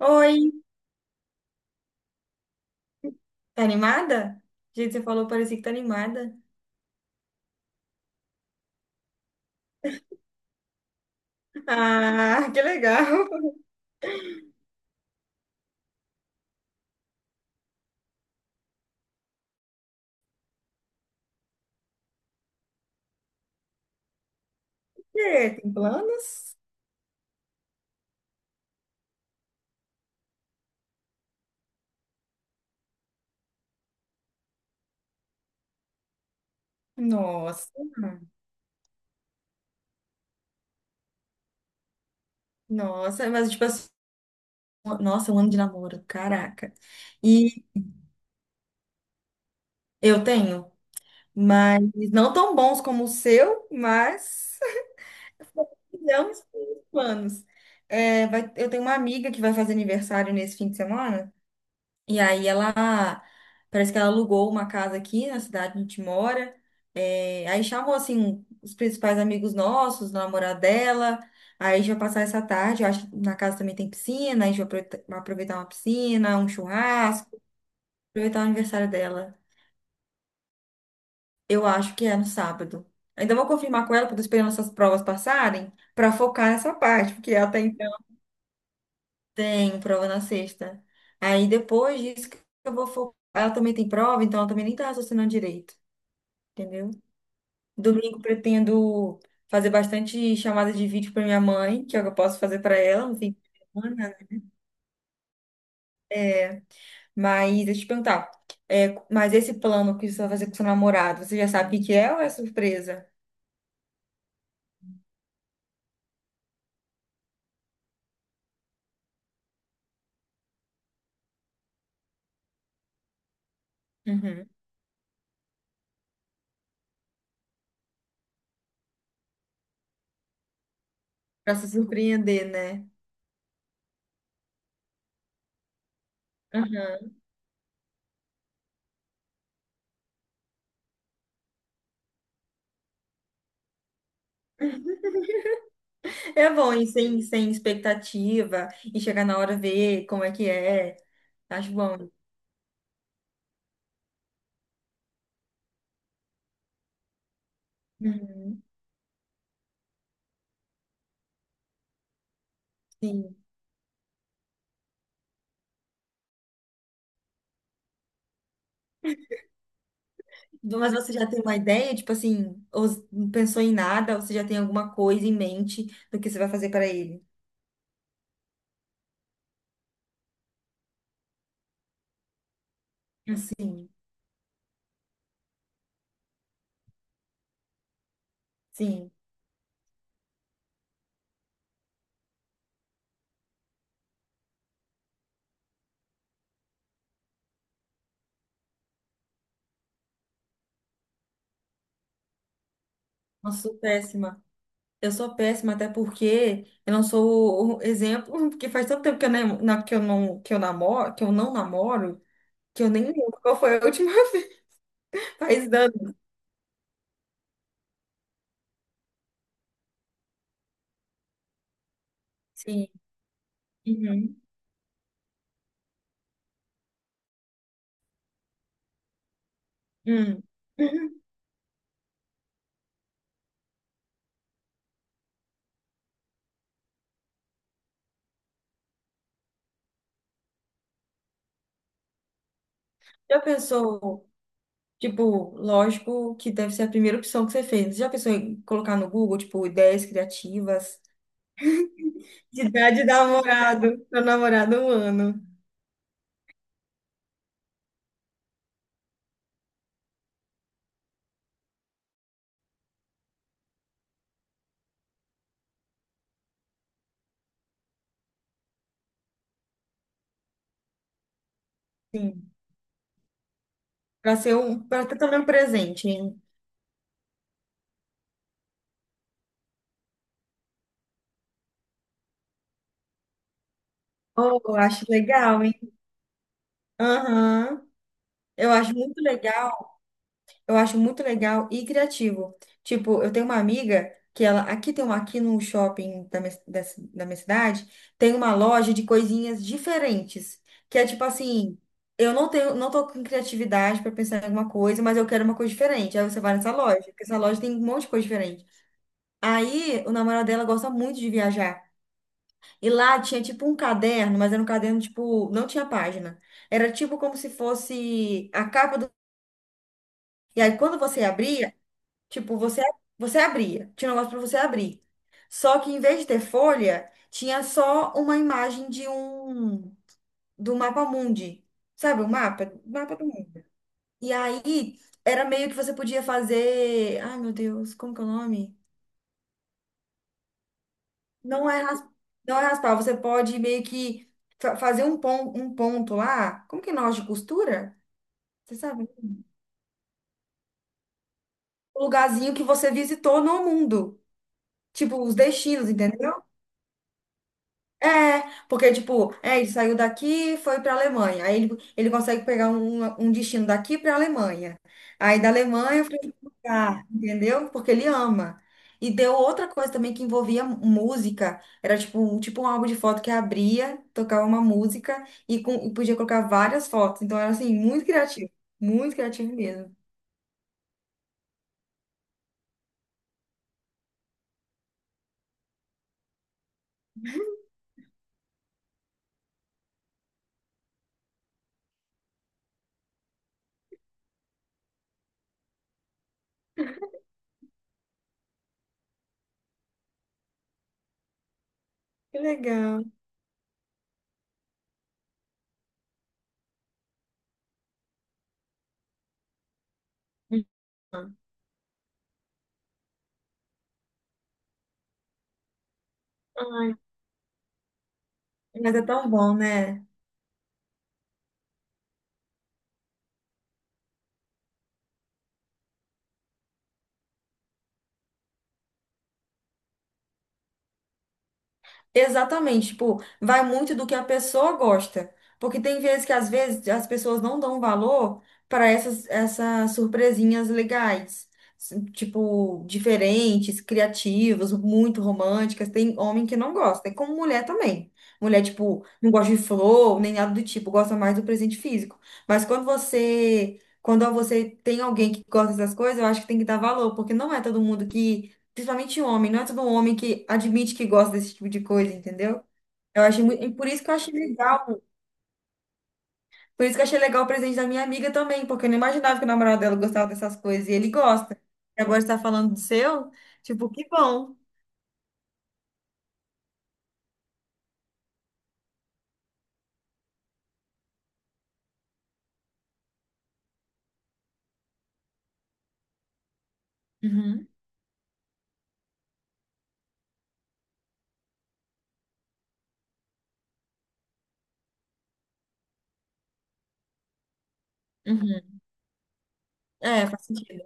Oi, tá animada? Gente, você falou, parecia que tá animada. Ah, que legal. E aí, tem planos? Nossa, nossa, mas tipo assim, nossa, um ano de namoro, caraca. E eu tenho, mas não tão bons como o seu, mas fizemos planos. É, eu tenho uma amiga que vai fazer aniversário nesse fim de semana. E aí ela, parece que ela alugou uma casa aqui na cidade onde a gente mora. É, aí chamou, assim, os principais amigos nossos, o namorado dela. Aí a gente vai passar essa tarde, eu acho que na casa também tem piscina, a gente vai vai aproveitar uma piscina, um churrasco, aproveitar o aniversário dela. Eu acho que é no sábado. Ainda vou confirmar com ela, porque eu tô esperando essas provas passarem, para focar nessa parte, porque até então tem prova na sexta. Aí depois disso que eu vou focar. Ela também tem prova, então ela também nem tá raciocinando direito. Entendeu? Domingo pretendo fazer bastante chamadas de vídeo para minha mãe, que é o que eu posso fazer para ela no fim de semana, né? Mas deixa eu te perguntar, é, mas esse plano que você vai fazer com seu namorado, você já sabe o que que é ou é surpresa? Uhum. Para se surpreender, né? Uhum. É bom ir sem, sem expectativa e chegar na hora ver como é que é. Acho bom. Uhum. Sim. Mas você já tem uma ideia, tipo assim, ou não pensou em nada, ou você já tem alguma coisa em mente do que você vai fazer para ele? Assim, sim. Nossa, sou péssima. Eu sou péssima até porque eu não sou o exemplo, porque faz tanto tempo que eu, que eu não que eu namoro, que eu não namoro, que eu nem lembro qual foi a última vez. Faz anos. Sim. Uhum. Hum. Uhum. Já pensou, tipo, lógico que deve ser a primeira opção que você fez. Já pensou em colocar no Google, tipo, ideias criativas? De idade da namorado, meu namorado um ano. Sim, para ser um, para estar também um presente, hein? Oh, eu acho legal, hein? Aham. Eu acho muito legal, eu acho muito legal e criativo. Tipo, eu tenho uma amiga que ela, aqui tem uma, aqui no shopping da minha, da, da minha cidade, tem uma loja de coisinhas diferentes, que é tipo assim, eu não tenho, não tô com criatividade para pensar em alguma coisa, mas eu quero uma coisa diferente. Aí você vai nessa loja, porque essa loja tem um monte de coisa diferente. Aí, o namorado dela gosta muito de viajar. E lá tinha tipo um caderno, mas era um caderno tipo, não tinha página. Era tipo como se fosse a capa do. E aí, quando você abria, tipo, você, você abria. Tinha um negócio pra você abrir. Só que em vez de ter folha, tinha só uma imagem de um. Do mapa mundi. Sabe o mapa? Mapa do mundo. E aí, era meio que você podia fazer. Ai, meu Deus, como que é o nome? Não é, não é raspar, você pode meio que fazer um, um ponto lá. Como que é nós de costura? Você sabe? O lugarzinho que você visitou no mundo. Tipo, os destinos, entendeu? É, porque, tipo, é, ele saiu daqui e foi pra Alemanha. Aí ele consegue pegar um, um destino daqui pra Alemanha. Aí da Alemanha pra outro lugar, entendeu? Porque ele ama. E deu outra coisa também que envolvia música. Era tipo, tipo um álbum de foto que abria, tocava uma música e, com, e podia colocar várias fotos. Então era assim, muito criativo. Muito criativo mesmo. Que legal. Ai, mas é tão bom, né? Exatamente, tipo, vai muito do que a pessoa gosta. Porque tem vezes que às vezes as pessoas não dão valor para essas, essas surpresinhas legais. Tipo, diferentes, criativas, muito românticas. Tem homem que não gosta, e como mulher também. Mulher, tipo, não gosta de flor, nem nada do tipo, gosta mais do presente físico. Mas quando você tem alguém que gosta dessas coisas, eu acho que tem que dar valor, porque não é todo mundo que. Principalmente homem, não é todo homem que admite que gosta desse tipo de coisa, entendeu? Eu achei muito, e por isso que eu achei legal, por isso que eu achei legal o presente da minha amiga também, porque eu não imaginava que o namorado dela gostava dessas coisas e ele gosta. E agora está falando do seu, tipo, que bom. Uhum, uhum. É, faz sentido.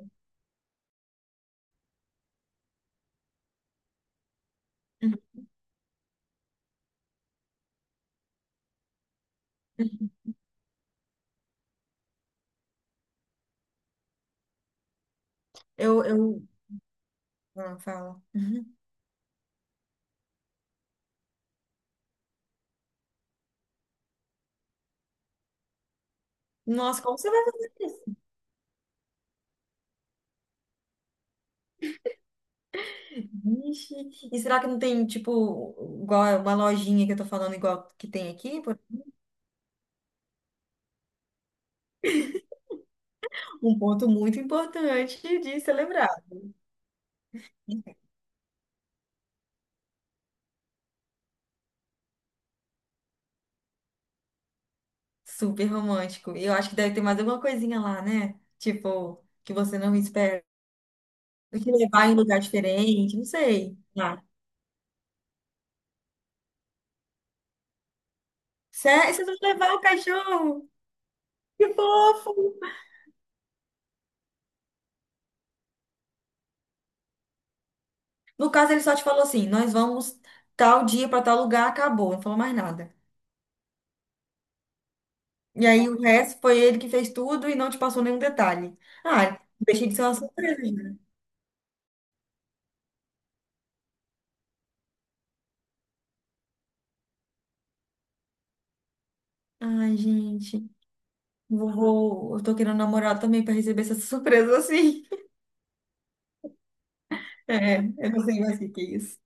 Uhum, uhum. Eu, ah, fala. Uhum. Nossa, como você vai fazer isso? Vixe. E será que não tem, tipo, igual uma lojinha que eu tô falando igual que tem aqui? Um ponto muito importante de celebrar. Super romântico. E eu acho que deve ter mais alguma coisinha lá, né? Tipo, que você não espera. Te levar em lugar diferente, não sei. Ah, sério? Vocês vão levar o cachorro? Que fofo! No caso, ele só te falou assim: nós vamos tal dia para tal lugar, acabou, não falou mais nada. E aí o resto foi ele que fez tudo e não te passou nenhum detalhe. Ah, deixei de ser uma surpresa, gente. Ai, gente, vovô, eu tô querendo namorar também para receber essa surpresa assim. É, eu não sei mais o que que é isso.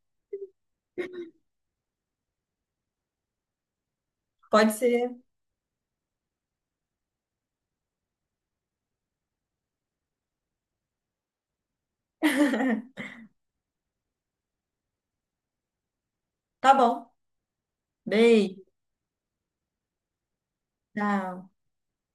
Pode ser. Tá bom. Beijo. Tchau.